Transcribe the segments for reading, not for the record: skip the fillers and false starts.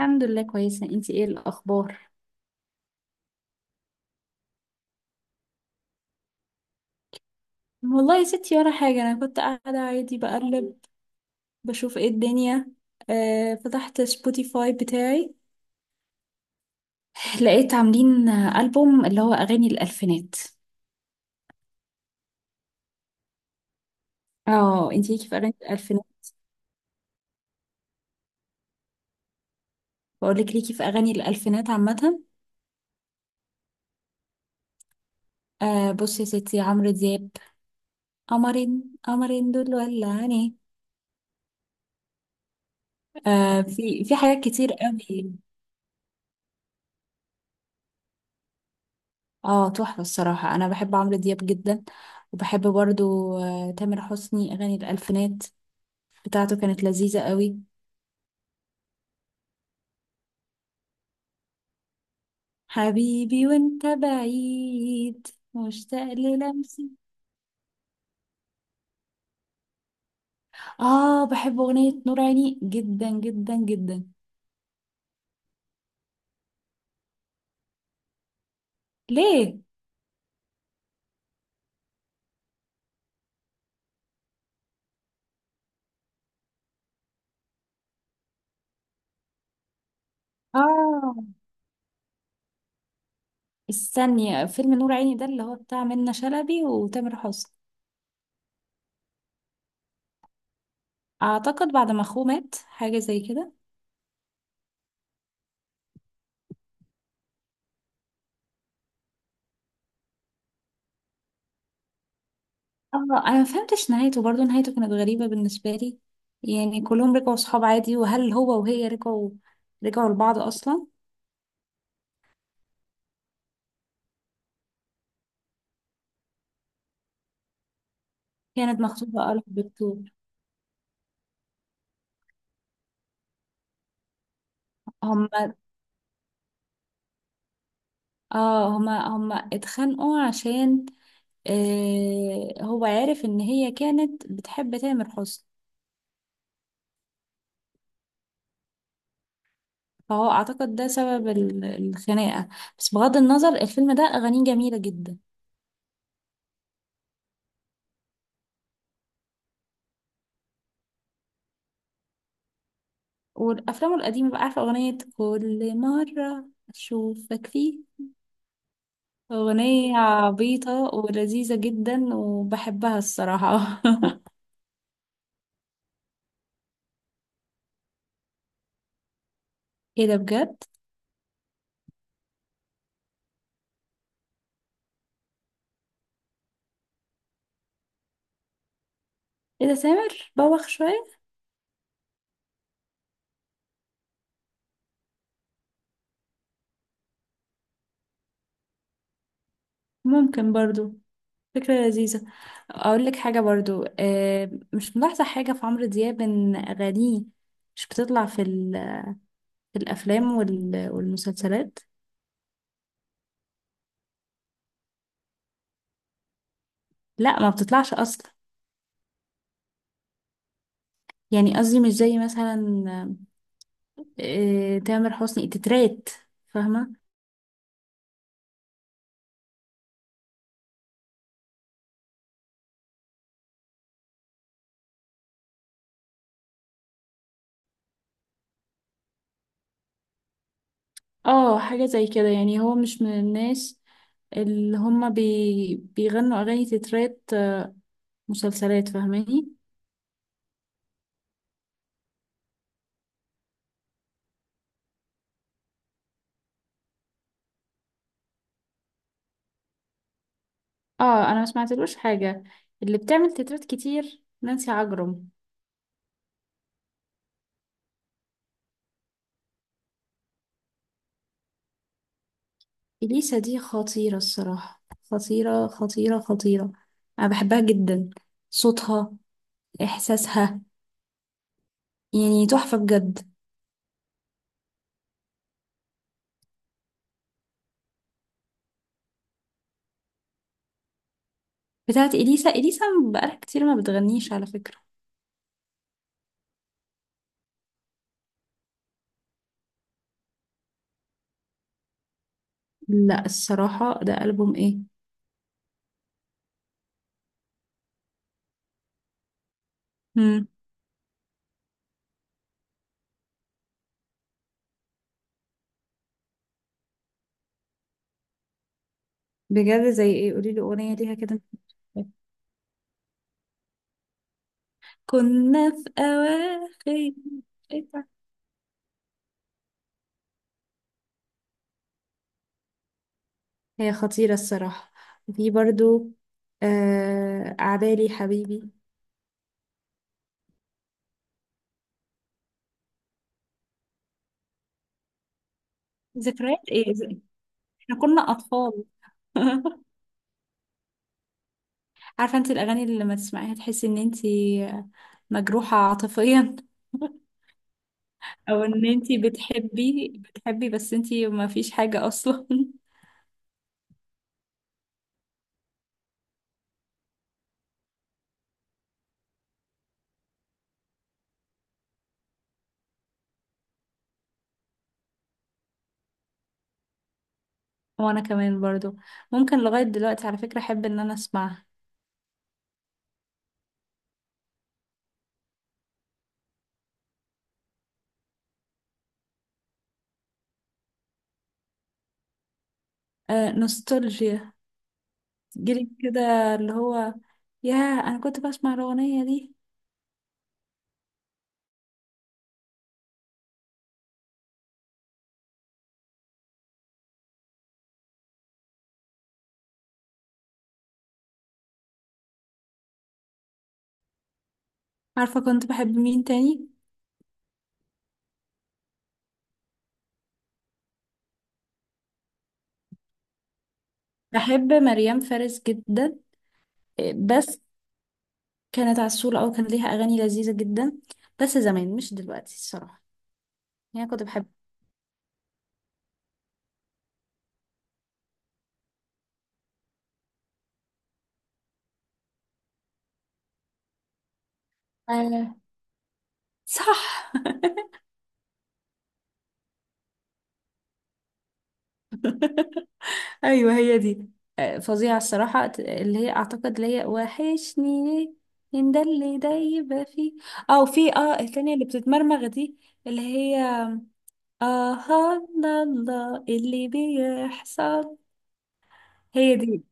الحمد لله، كويسة. انتي ايه الأخبار؟ والله يا ستي، ولا حاجة. أنا كنت قاعدة عادي بقلب، بشوف ايه الدنيا. فتحت سبوتيفاي بتاعي، لقيت عاملين ألبوم اللي هو أغاني الألفينات. اه، انتي ليكي في أغاني الألفينات. بقولك ليكي في أغاني الألفينات عامة. آه، بصي يا ستي، عمرو دياب. قمرين قمرين دول، ولا عيني. آه، في حاجات كتير قوي. اه تحفة، الصراحة انا بحب عمرو دياب جدا. وبحب برضو تامر حسني. اغاني الالفينات بتاعته كانت لذيذة قوي. حبيبي وانت بعيد. مشتاق للمسك. اه، بحب اغنية نور عيني جدا جدا جدا. ليه؟ اه، استني. فيلم نور عيني ده اللي هو بتاع منة شلبي وتامر حسني. اعتقد بعد ما اخوه مات حاجة زي كده. اه، انا ما فهمتش نهايته برضو. نهايته كانت غريبة بالنسبة لي. يعني كلهم رجعوا صحاب عادي، وهل هو وهي رجعوا لبعض اصلا. كانت مكتوبة قال الدكتور. هما اه هما هما اتخانقوا عشان هو عارف ان هي كانت بتحب تامر حسني. فهو اعتقد ده سبب الخناقة. بس بغض النظر، الفيلم ده اغانيه جميلة جدا. والافلام القديمة بقى، عارفة اغنية كل مرة اشوفك فيه؟ أغنية عبيطة ولذيذة جدا وبحبها الصراحة. ايه ده بجد؟ ايه ده سامر؟ بوخ شوية؟ ممكن برضو. فكرة لذيذة. أقول لك حاجة برضو، مش ملاحظة حاجة في عمرو دياب إن أغانيه مش بتطلع في الأفلام والمسلسلات. لا، ما بتطلعش أصلا. يعني قصدي مش زي مثلا تامر حسني تترات. فاهمة؟ اه، حاجة زي كده. يعني هو مش من الناس اللي هما بيغنوا أغاني تترات مسلسلات. فاهماني؟ اه، أنا ما سمعتلوش حاجة. اللي بتعمل تترات كتير نانسي عجرم. إليسا دي خطيرة الصراحة. خطيرة خطيرة خطيرة. أنا بحبها جدا. صوتها، إحساسها، يعني تحفة بجد. بتاعت إليسا، إليسا بقالها كتير ما بتغنيش على فكرة. لا، الصراحة ده ألبوم إيه؟ مم. بجد؟ زي إيه؟ قوليلي أغنية ليها كده. كنا في أواخر. إيه ده؟ هي خطيرة الصراحة. وفي برضو أعدالي حبيبي. ذكريات ايه؟ احنا كنا أطفال. عارفة انت الأغاني اللي لما تسمعيها تحسي ان انت مجروحة عاطفيا. او ان انت بتحبي بتحبي بس انت ما فيش حاجة اصلا. وانا كمان برضو، ممكن لغاية دلوقتي على فكرة احب ان انا اسمعها. آه، نوستالجيا. جيلي كده، اللي هو، ياه انا كنت بسمع الاغنيه دي. عارفه كنت بحب مين تاني؟ بحب مريم فارس جدا. إيه، بس كانت عسولة، او كان ليها اغاني لذيذه جدا، بس زمان مش دلوقتي الصراحه. يعني كنت بحب. آه، صح. ايوه هي دي. فظيعه الصراحه، اللي هي اعتقد اللي هي وحشني. ليه ان ده اللي ده يبقى فيه، او في التانية اللي بتتمرمغ دي. اللي هي. آها، لا لا، اللي بيحصل. هي دي.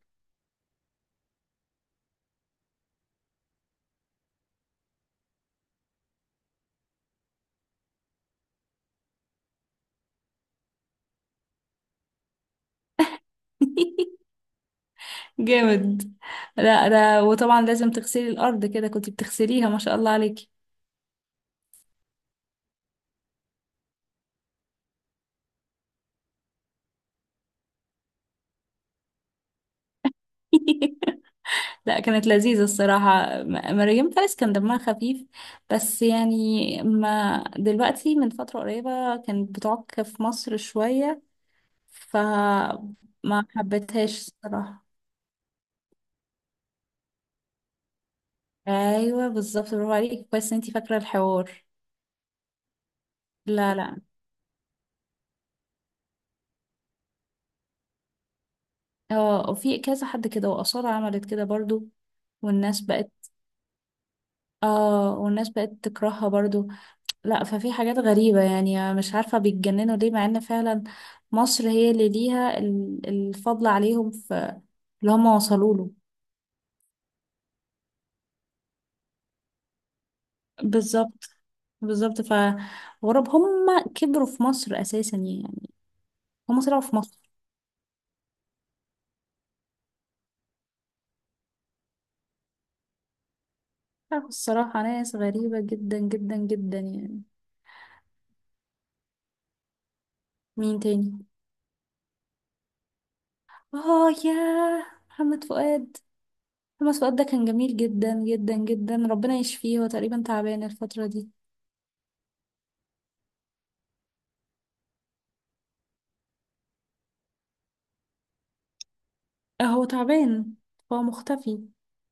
جامد. لا لا، وطبعا لازم تغسلي الأرض كده، كنت بتغسليها ما شاء الله عليكي. لا، كانت لذيذة الصراحة، مريم فارس كان دمها خفيف. بس يعني، ما دلوقتي من فترة قريبة كانت بتعك في مصر شوية، فما حبيتهاش الصراحة. أيوة بالظبط، برافو عليكي، كويس إن انتي فاكرة الحوار. لا لا. اه، وفي كذا حد كده، وأصالة عملت كده برضو. والناس بقت. اه، والناس بقت تكرهها برضو. لا، ففي حاجات غريبة يعني. مش عارفة بيتجننوا ليه، مع ان فعلا مصر هي اللي ليها الفضل عليهم في اللي هم وصلوا له. بالظبت بالظبط. فغرب هم كبروا في مصر أساسا، يعني هم طلعوا في مصر. عارفة الصراحة، ناس غريبة جدا جدا جدا يعني. مين تاني؟ اه، يا محمد فؤاد. هو الواد ده كان جميل جدا جدا جدا، ربنا يشفيه. هو تقريبا تعبان الفترة دي. هو تعبان. هو مختفي.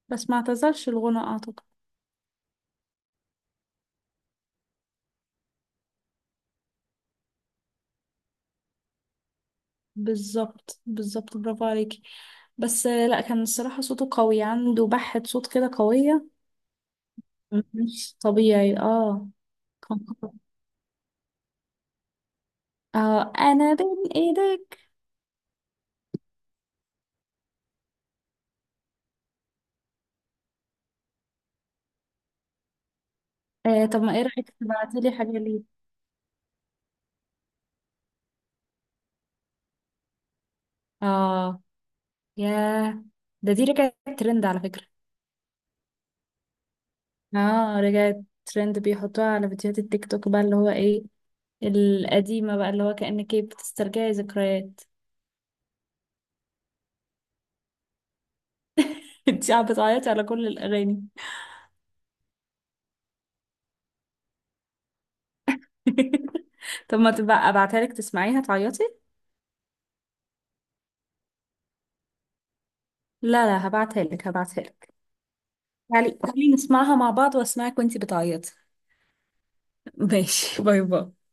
بس ما اعتزلش الغنى اعتقد. بالظبط بالظبط، برافو عليكي. بس لا كان الصراحة صوته قوي، عنده بحة صوت كده قوية، مش طبيعي. اه. كان قوي. اه، انا بين ايدك. طب ما ايه رأيك تبعتيلي حاجة ليه؟ اه، ياه. دي رجعت ترند على فكرة. اه، رجعت ترند، بيحطوها على فيديوهات التيك توك بقى اللي هو ايه، القديمة بقى اللي هو كأنك إيه بتسترجعي ذكريات. انتي قاعدة بتعيطي على كل الأغاني. طب ما تبقى ابعتها لك تسمعيها تعيطي. لا لا، هبعتها لك هبعتها لك. تعالي تعالي نسمعها مع بعض، واسمعك وانتي بتعيطي. ماشي، باي باي.